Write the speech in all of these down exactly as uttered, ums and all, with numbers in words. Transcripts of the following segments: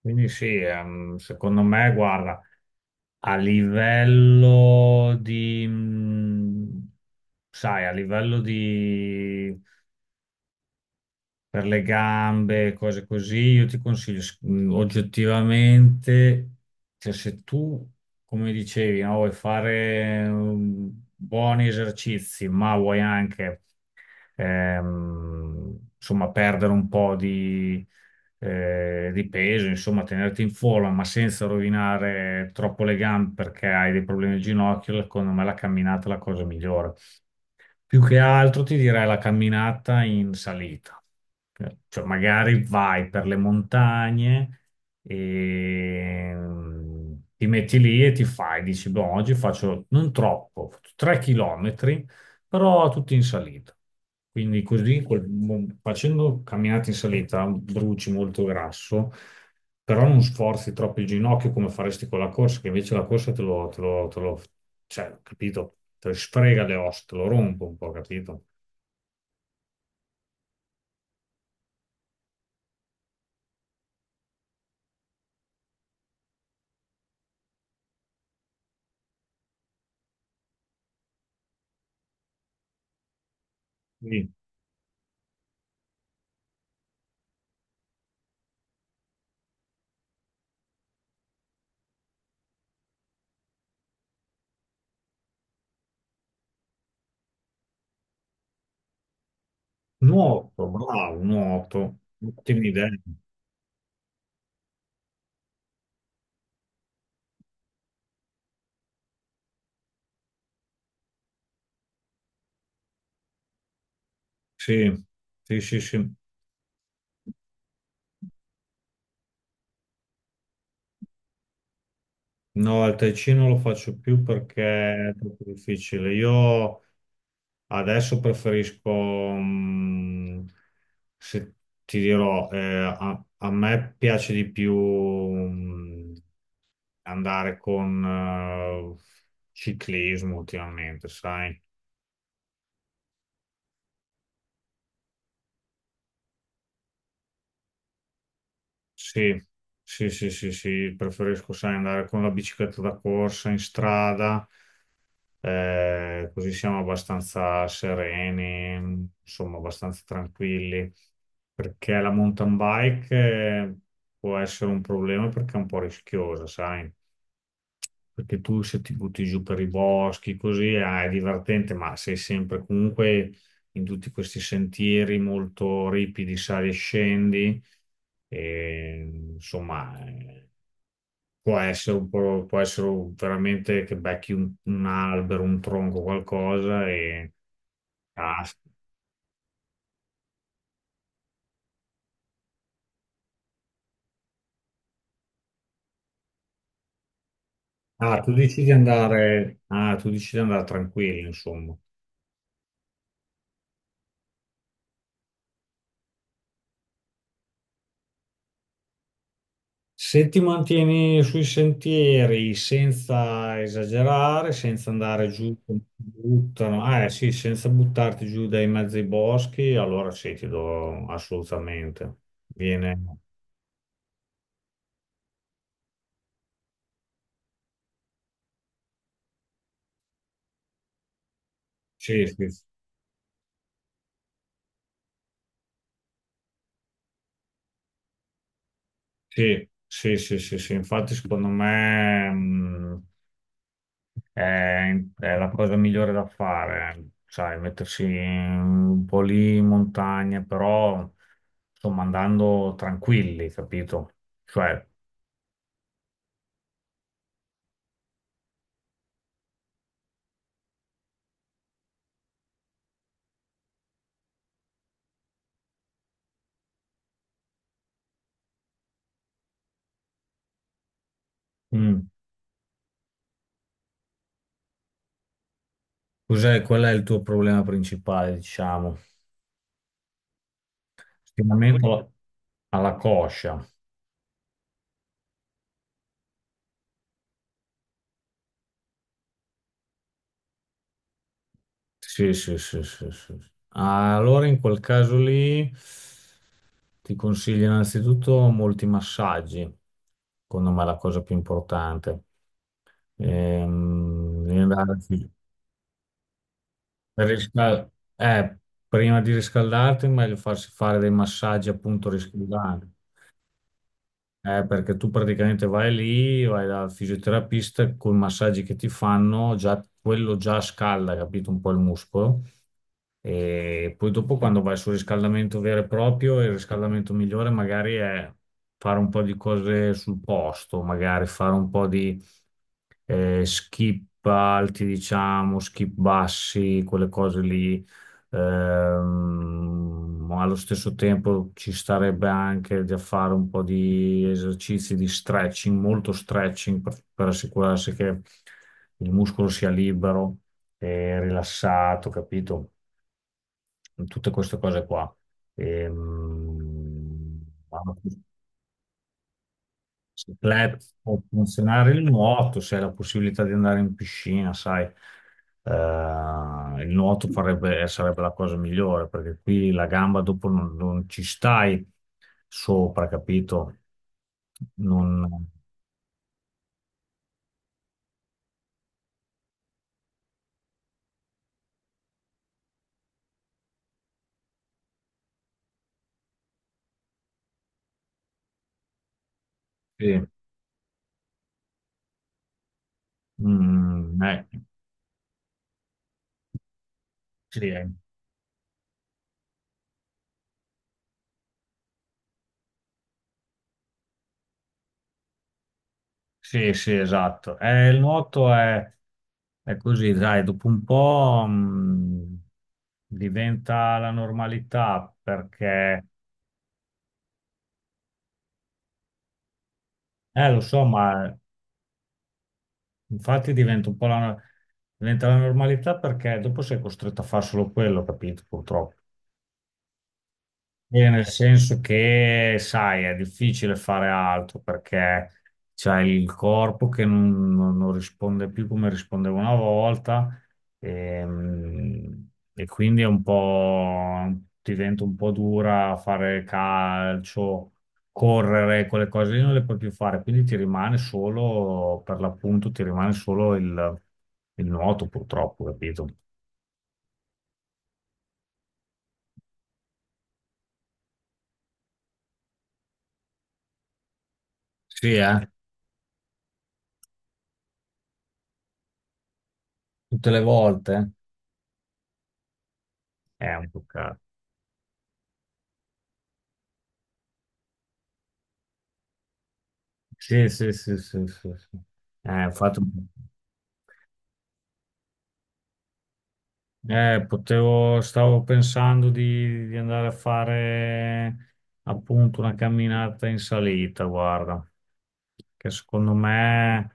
Quindi sì, ehm, secondo me, guarda, a livello di, mh, sai, a livello di, per le gambe, cose così, io ti consiglio, s- mh, oggettivamente, cioè se tu, come dicevi, no, vuoi fare um, buoni esercizi, ma vuoi anche ehm, insomma, perdere un po' di, eh, di peso, insomma, tenerti in forma, ma senza rovinare troppo le gambe perché hai dei problemi al ginocchio. Secondo me la camminata è la cosa migliore. Più che altro ti direi la camminata in salita. Cioè, magari vai per le montagne e mm, ti metti lì e ti fai, dici, boh, oggi faccio non troppo, tre chilometri, però tutti in salita. Quindi così, col- mo- facendo camminate in salita, bruci molto grasso, però non sforzi troppo il ginocchio come faresti con la corsa, che invece la corsa te lo, te lo, te lo- cioè, capito? Te lo sfrega le ossa, te lo rompe un po', capito? Sì. Nuoto, bravo, nuoto. Ottima idea. Sì, sì, sì, sì. No, al Tai non lo faccio più perché è troppo difficile. Io adesso preferisco, mm, se ti dirò, eh, a, a me piace di più, mm, andare con, eh, ciclismo ultimamente, sai? Sì, sì, sì, sì, sì, preferisco, sai, andare con la bicicletta da corsa in strada, eh, così siamo abbastanza sereni, insomma, abbastanza tranquilli, perché la mountain bike eh, può essere un problema perché è un po' rischiosa, sai? Perché tu se ti butti giù per i boschi, così ah, è divertente, ma sei sempre comunque in tutti questi sentieri molto ripidi, sali e scendi, e, insomma, eh, può essere un po', può essere veramente che becchi un, un albero, un tronco, qualcosa e caschi. Ah, tu decidi di andare, ah, tu decidi di andare tranquillo, insomma. Se ti mantieni sui sentieri senza esagerare, senza andare giù, come ti buttano, ah, eh sì, senza buttarti giù dai mezzi ai boschi, allora sì, ti do assolutamente. Viene. Sì, sì, sì, sì, sì, sì, sì. Infatti secondo me mh, è, è la cosa migliore da fare, sai, mettersi un po' lì in montagna, però insomma andando tranquilli, capito? Cioè, mm. Cos'è, qual è il tuo problema principale, diciamo? Stimamento alla coscia. Sì, sì, sì, sì, sì. Allora, in quel caso lì, ti consiglio innanzitutto molti massaggi. Secondo me è la cosa più importante. Ehm, devi andare sì. Per riscal- eh, prima di riscaldarti, è meglio farsi fare dei massaggi appunto riscaldanti. Eh, perché tu praticamente vai lì, vai dal fisioterapista con i massaggi che ti fanno, già, quello già scalda, capito, un po' il muscolo. E poi dopo quando vai sul riscaldamento vero e proprio, il riscaldamento migliore magari è fare un po' di cose sul posto, magari fare un po' di eh, skip alti, diciamo, skip bassi, quelle cose lì. Ehm, allo stesso tempo ci starebbe anche da fare un po' di esercizi di stretching, molto stretching per, per assicurarsi che il muscolo sia libero e rilassato, capito? Tutte queste cose qua. Ehm, se club può funzionare il nuoto, se hai la possibilità di andare in piscina, sai, eh, il nuoto farebbe- sarebbe la cosa migliore, perché qui la gamba dopo non, non ci stai sopra, capito? Non... Sì. Mm, eh, sì, eh. Sì, sì, esatto. Eh, il nuoto è, è così, dai, dopo un po', mm, diventa la normalità, perché... Eh, lo so, ma infatti diventa un po' la, diventa la normalità perché dopo sei costretto a fare solo quello, capito? Purtroppo. Bene, nel senso che, sai, è difficile fare altro perché c'hai il corpo che non, non- non risponde più come rispondeva una volta ehm, e, quindi è un po', diventa un po' dura fare calcio, correre, quelle cose lì non le puoi più fare, quindi ti rimane solo, per l'appunto, ti rimane solo il, il nuoto purtroppo, capito? Sì, eh? Tutte le volte? È un peccato. Sì, sì, sì, sì, sì, sì. Eh, ho fatto... eh, potevo, stavo pensando di, di andare a fare appunto una camminata in salita, guarda, che secondo me,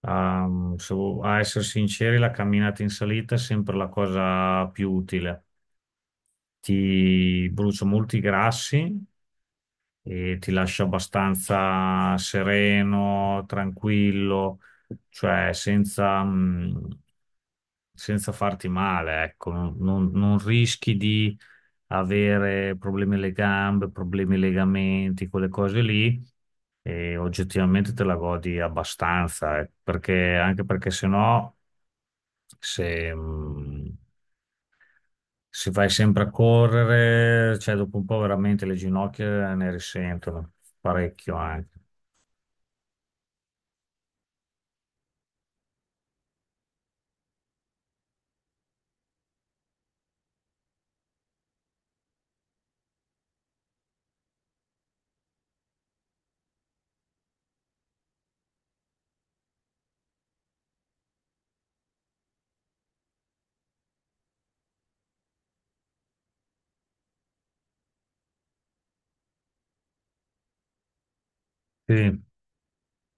ehm, se vo- a essere sinceri, la camminata in salita è sempre la cosa più utile. Ti brucia molti grassi e ti lascia abbastanza sereno, tranquillo, cioè senza, mm, senza farti male, ecco, non, non- non rischi di avere problemi alle gambe, problemi ai legamenti, quelle cose lì, e oggettivamente te la godi abbastanza, eh, perché, anche perché se no, se, mh, se vai sempre a correre, cioè dopo un po' veramente le ginocchia ne risentono parecchio anche. Sì.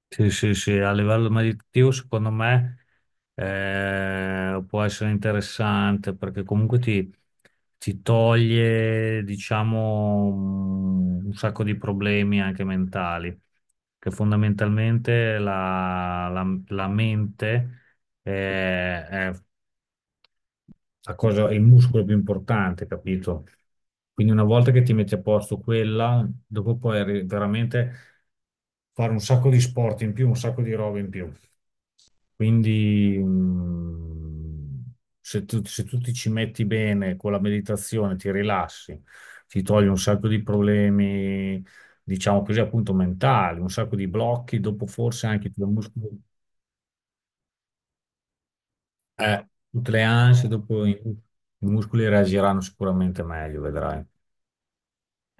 Sì, sì, sì, a livello meditativo secondo me eh, può essere interessante perché comunque ti, ti toglie, diciamo, un sacco di problemi anche mentali, che fondamentalmente la, la- la mente eh, è la cosa, il muscolo più importante, capito? Quindi una volta che ti metti a posto quella, dopo puoi arri- veramente fare un sacco di sport in più, un sacco di robe in più. Quindi mm, se tu, se tu ti ci metti bene con la meditazione, ti rilassi, ti togli un sacco di problemi, diciamo così, appunto mentali, un sacco di blocchi, dopo forse anche i tuoi muscoli, eh, tutte le ansie, dopo i i muscoli reagiranno sicuramente meglio, vedrai.